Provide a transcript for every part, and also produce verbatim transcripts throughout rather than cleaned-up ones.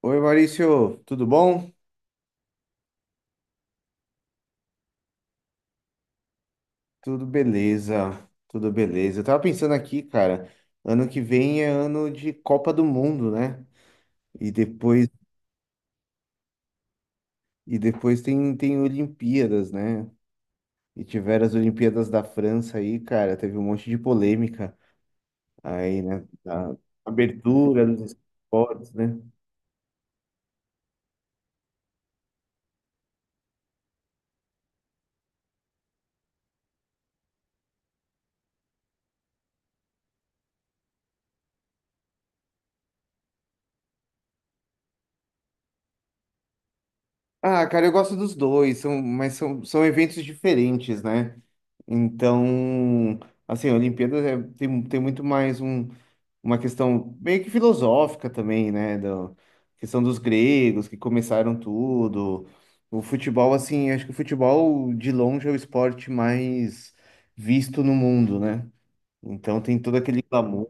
Oi, Maurício, tudo bom? Tudo beleza, tudo beleza. Eu tava pensando aqui, cara, ano que vem é ano de Copa do Mundo, né? E depois, e depois tem, tem Olimpíadas, né? E tiveram as Olimpíadas da França aí, cara, teve um monte de polêmica aí, né? Da abertura dos esportes, né? Ah, cara, eu gosto dos dois, são, mas são, são eventos diferentes, né? Então, assim, a Olimpíadas é- tem, tem muito mais um. Uma questão meio que filosófica também, né? Da questão dos gregos que começaram tudo. O futebol, assim, acho que o futebol de longe é o esporte mais visto no mundo, né? Então tem todo aquele clamor,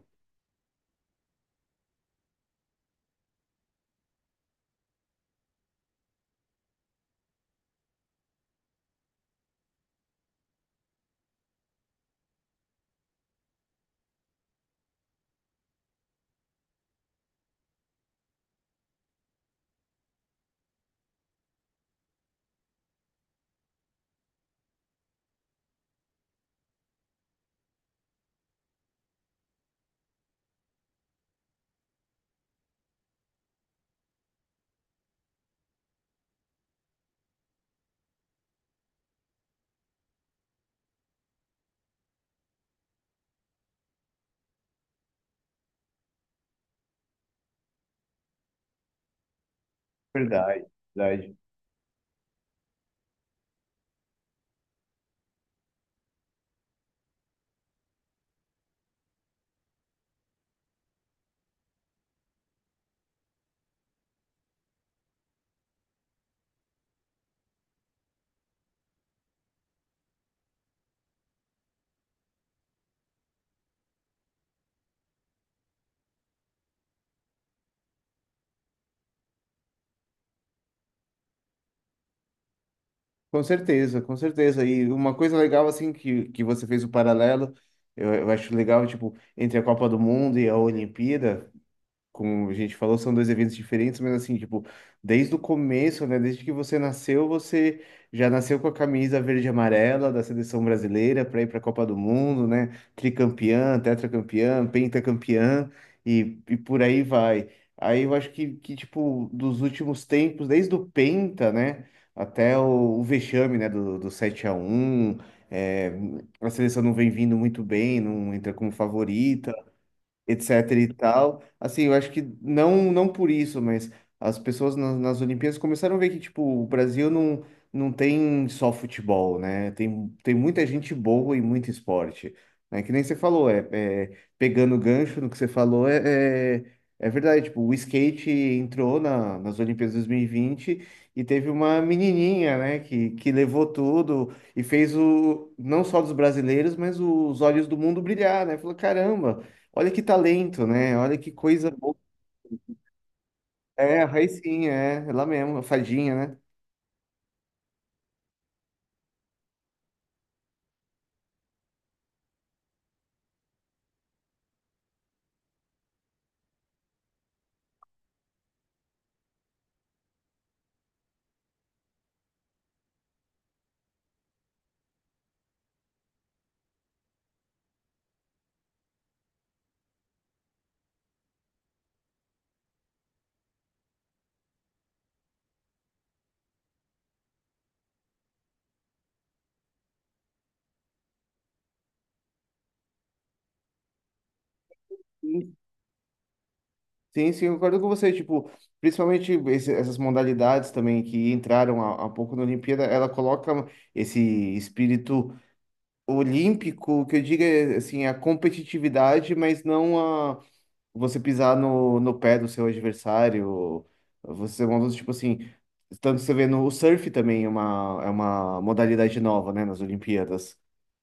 verdade, verdade. Com certeza, com certeza. E uma coisa legal, assim, que, que você fez o paralelo, eu, eu acho legal, tipo, entre a Copa do Mundo e a Olimpíada. Como a gente falou, são dois eventos diferentes, mas assim, tipo, desde o começo, né? Desde que você nasceu, você já nasceu com a camisa verde e amarela da seleção brasileira para ir para a Copa do Mundo, né? Tricampeã, tetracampeã, pentacampeã e, e por aí vai. Aí eu acho que, que, tipo, dos últimos tempos, desde o Penta, né? Até o, o vexame, né? Do, do sete a um é, a seleção não vem vindo muito bem, não entra como favorita etc e tal. Assim, eu acho que não não por isso, mas as pessoas na- nas Olimpíadas começaram a ver que, tipo, o Brasil não, não tem só futebol, né? Tem, tem muita gente boa e muito esporte, né? Que nem você falou, é, é- pegando gancho no que você falou, é, é, é verdade, tipo, o skate entrou na, nas Olimpíadas dois mil e vinte e vinte e teve uma menininha, né, que, que levou tudo e fez o, não só dos brasileiros, mas os olhos do mundo brilhar, né? Falou, caramba, olha que talento, né? Olha que coisa boa. É, a Raicinha, é, é lá mesmo, a fadinha, né? Sim, sim, sim, eu concordo com você. Tipo, principalmente esse- essas modalidades também que entraram há, há pouco na Olimpíada, ela coloca esse espírito olímpico, que eu digo, é, assim, a competitividade, mas não a você pisar no, no pé do seu adversário, você é uma tipo assim, tanto você vê no o surf também é uma, é uma modalidade nova, né, nas Olimpíadas.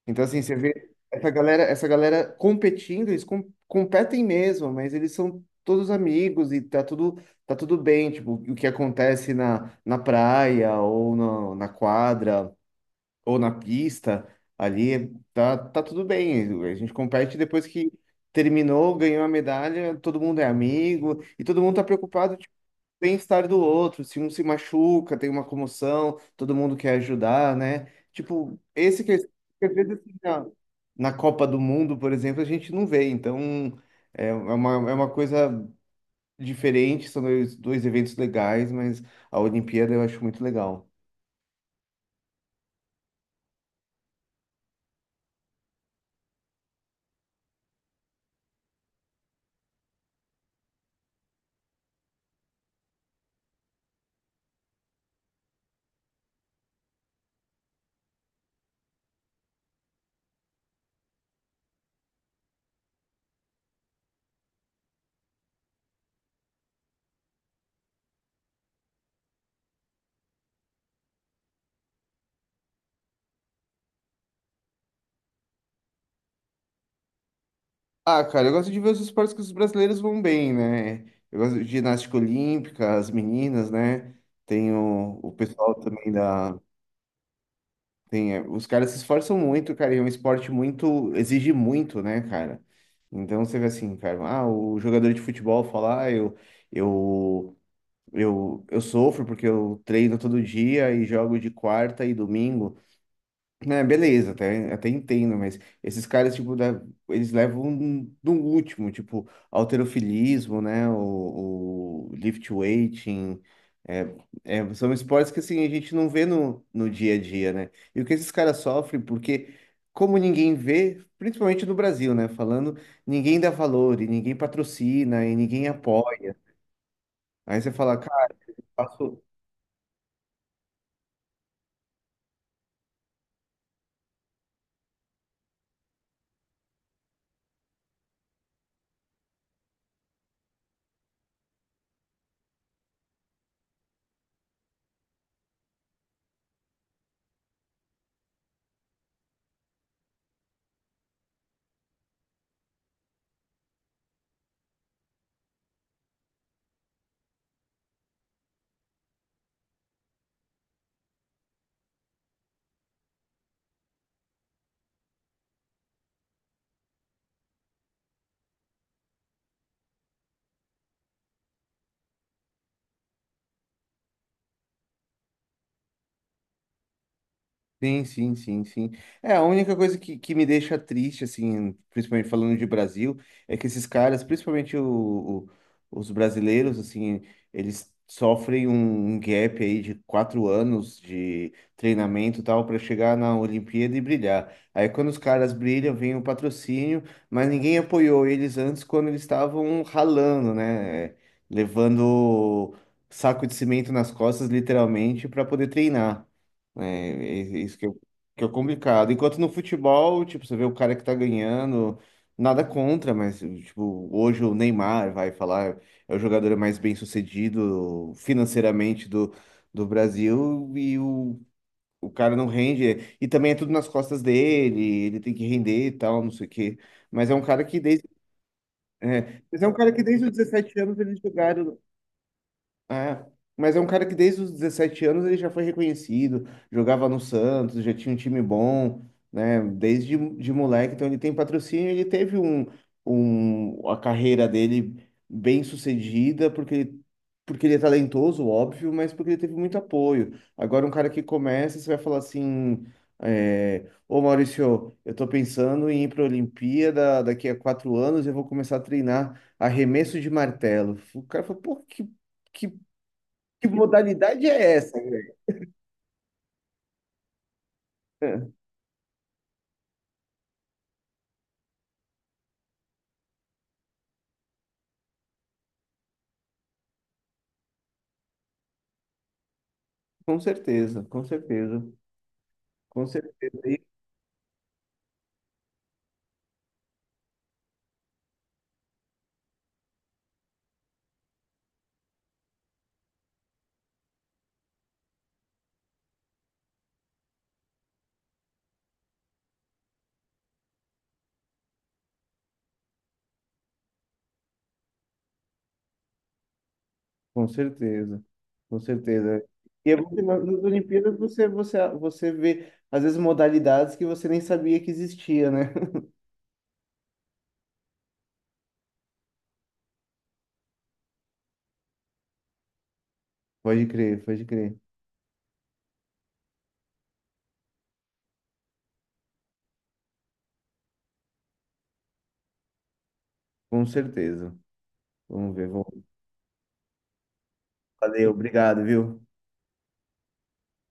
Então, assim, você vê essa galera, essa galera competindo, eles com- competem mesmo, mas eles são todos amigos e tá tudo, tá tudo bem, tipo, o que acontece na, na praia ou no, na quadra, ou na pista, ali tá, tá tudo bem. A gente compete depois que terminou, ganhou a medalha, todo mundo é amigo e todo mundo tá preocupado tipo, com o bem-estar do outro. Se um se machuca, tem uma comoção, todo mundo quer ajudar, né? Tipo, esse que que às vezes assim, na, na Copa do Mundo, por exemplo, a gente não vê. Então, é é uma, é uma coisa diferente, são dois, dois eventos legais, mas a Olimpíada eu acho muito legal. Ah, cara, eu gosto de ver os esportes que os brasileiros vão bem, né? Eu gosto de ginástica olímpica, as meninas, né? Tem o, o pessoal também da. Tem, eh, os caras se esforçam muito, cara, e é um esporte muito. Exige muito, né, cara? Então você vê assim, cara, ah, o jogador de futebol fala, ah, eu, eu, eu, eu sofro porque eu treino todo dia e jogo de quarta e domingo. É, beleza, até, até entendo, mas esses caras, tipo, da- eles levam no último, tipo, halterofilismo, né, o, o lift weighting, é, é, são esportes que, assim, a gente não vê no, no dia a dia, né, e o que esses caras sofrem, porque como ninguém vê, principalmente no Brasil, né, falando, ninguém dá valor, e ninguém patrocina, e ninguém apoia, aí você fala, cara, faço- Sim, sim, sim, sim. É, a única coisa que, que me deixa triste, assim, principalmente falando de Brasil, é que esses caras, principalmente o, o- os brasileiros, assim, eles sofrem um, um gap aí de quatro anos de treinamento e tal para chegar na Olimpíada e brilhar. Aí quando os caras brilham, vem o patrocínio, mas ninguém apoiou eles antes quando eles estavam ralando, né? Levando saco de cimento nas costas, literalmente, para poder treinar né? É, é isso que, eu, que é o complicado. Enquanto no futebol, tipo, você vê o cara que tá ganhando, nada contra, mas, tipo, hoje o Neymar vai falar, é o jogador mais bem-sucedido financeiramente do, do Brasil e o, o cara não rende. E também é tudo nas costas dele, ele tem que render e tal, não sei o quê. Mas é um cara que desde, é, mas é um cara que desde os dezessete anos eles jogaram. É, mas é um cara que desde os dezessete anos ele já foi reconhecido, jogava no Santos, já tinha um time bom, né? Desde de moleque, então ele tem patrocínio, ele teve um, um, a carreira dele bem sucedida, porque ele, porque ele é talentoso, óbvio, mas porque ele teve muito apoio. Agora um cara que começa, você vai falar assim, é, ô Maurício, eu tô pensando em ir para a Olimpíada daqui a quatro anos, eu vou começar a treinar arremesso de martelo. O cara falou, pô, que Que que modalidade é essa, Greg? É, com certeza, com certeza, com certeza, e- com certeza, com certeza. E é bom que nas nas Olimpíadas você, você, você vê, às vezes, modalidades que você nem sabia que existia, né? Pode crer, pode crer. Com certeza. Vamos ver, vamos. Valeu, obrigado, viu?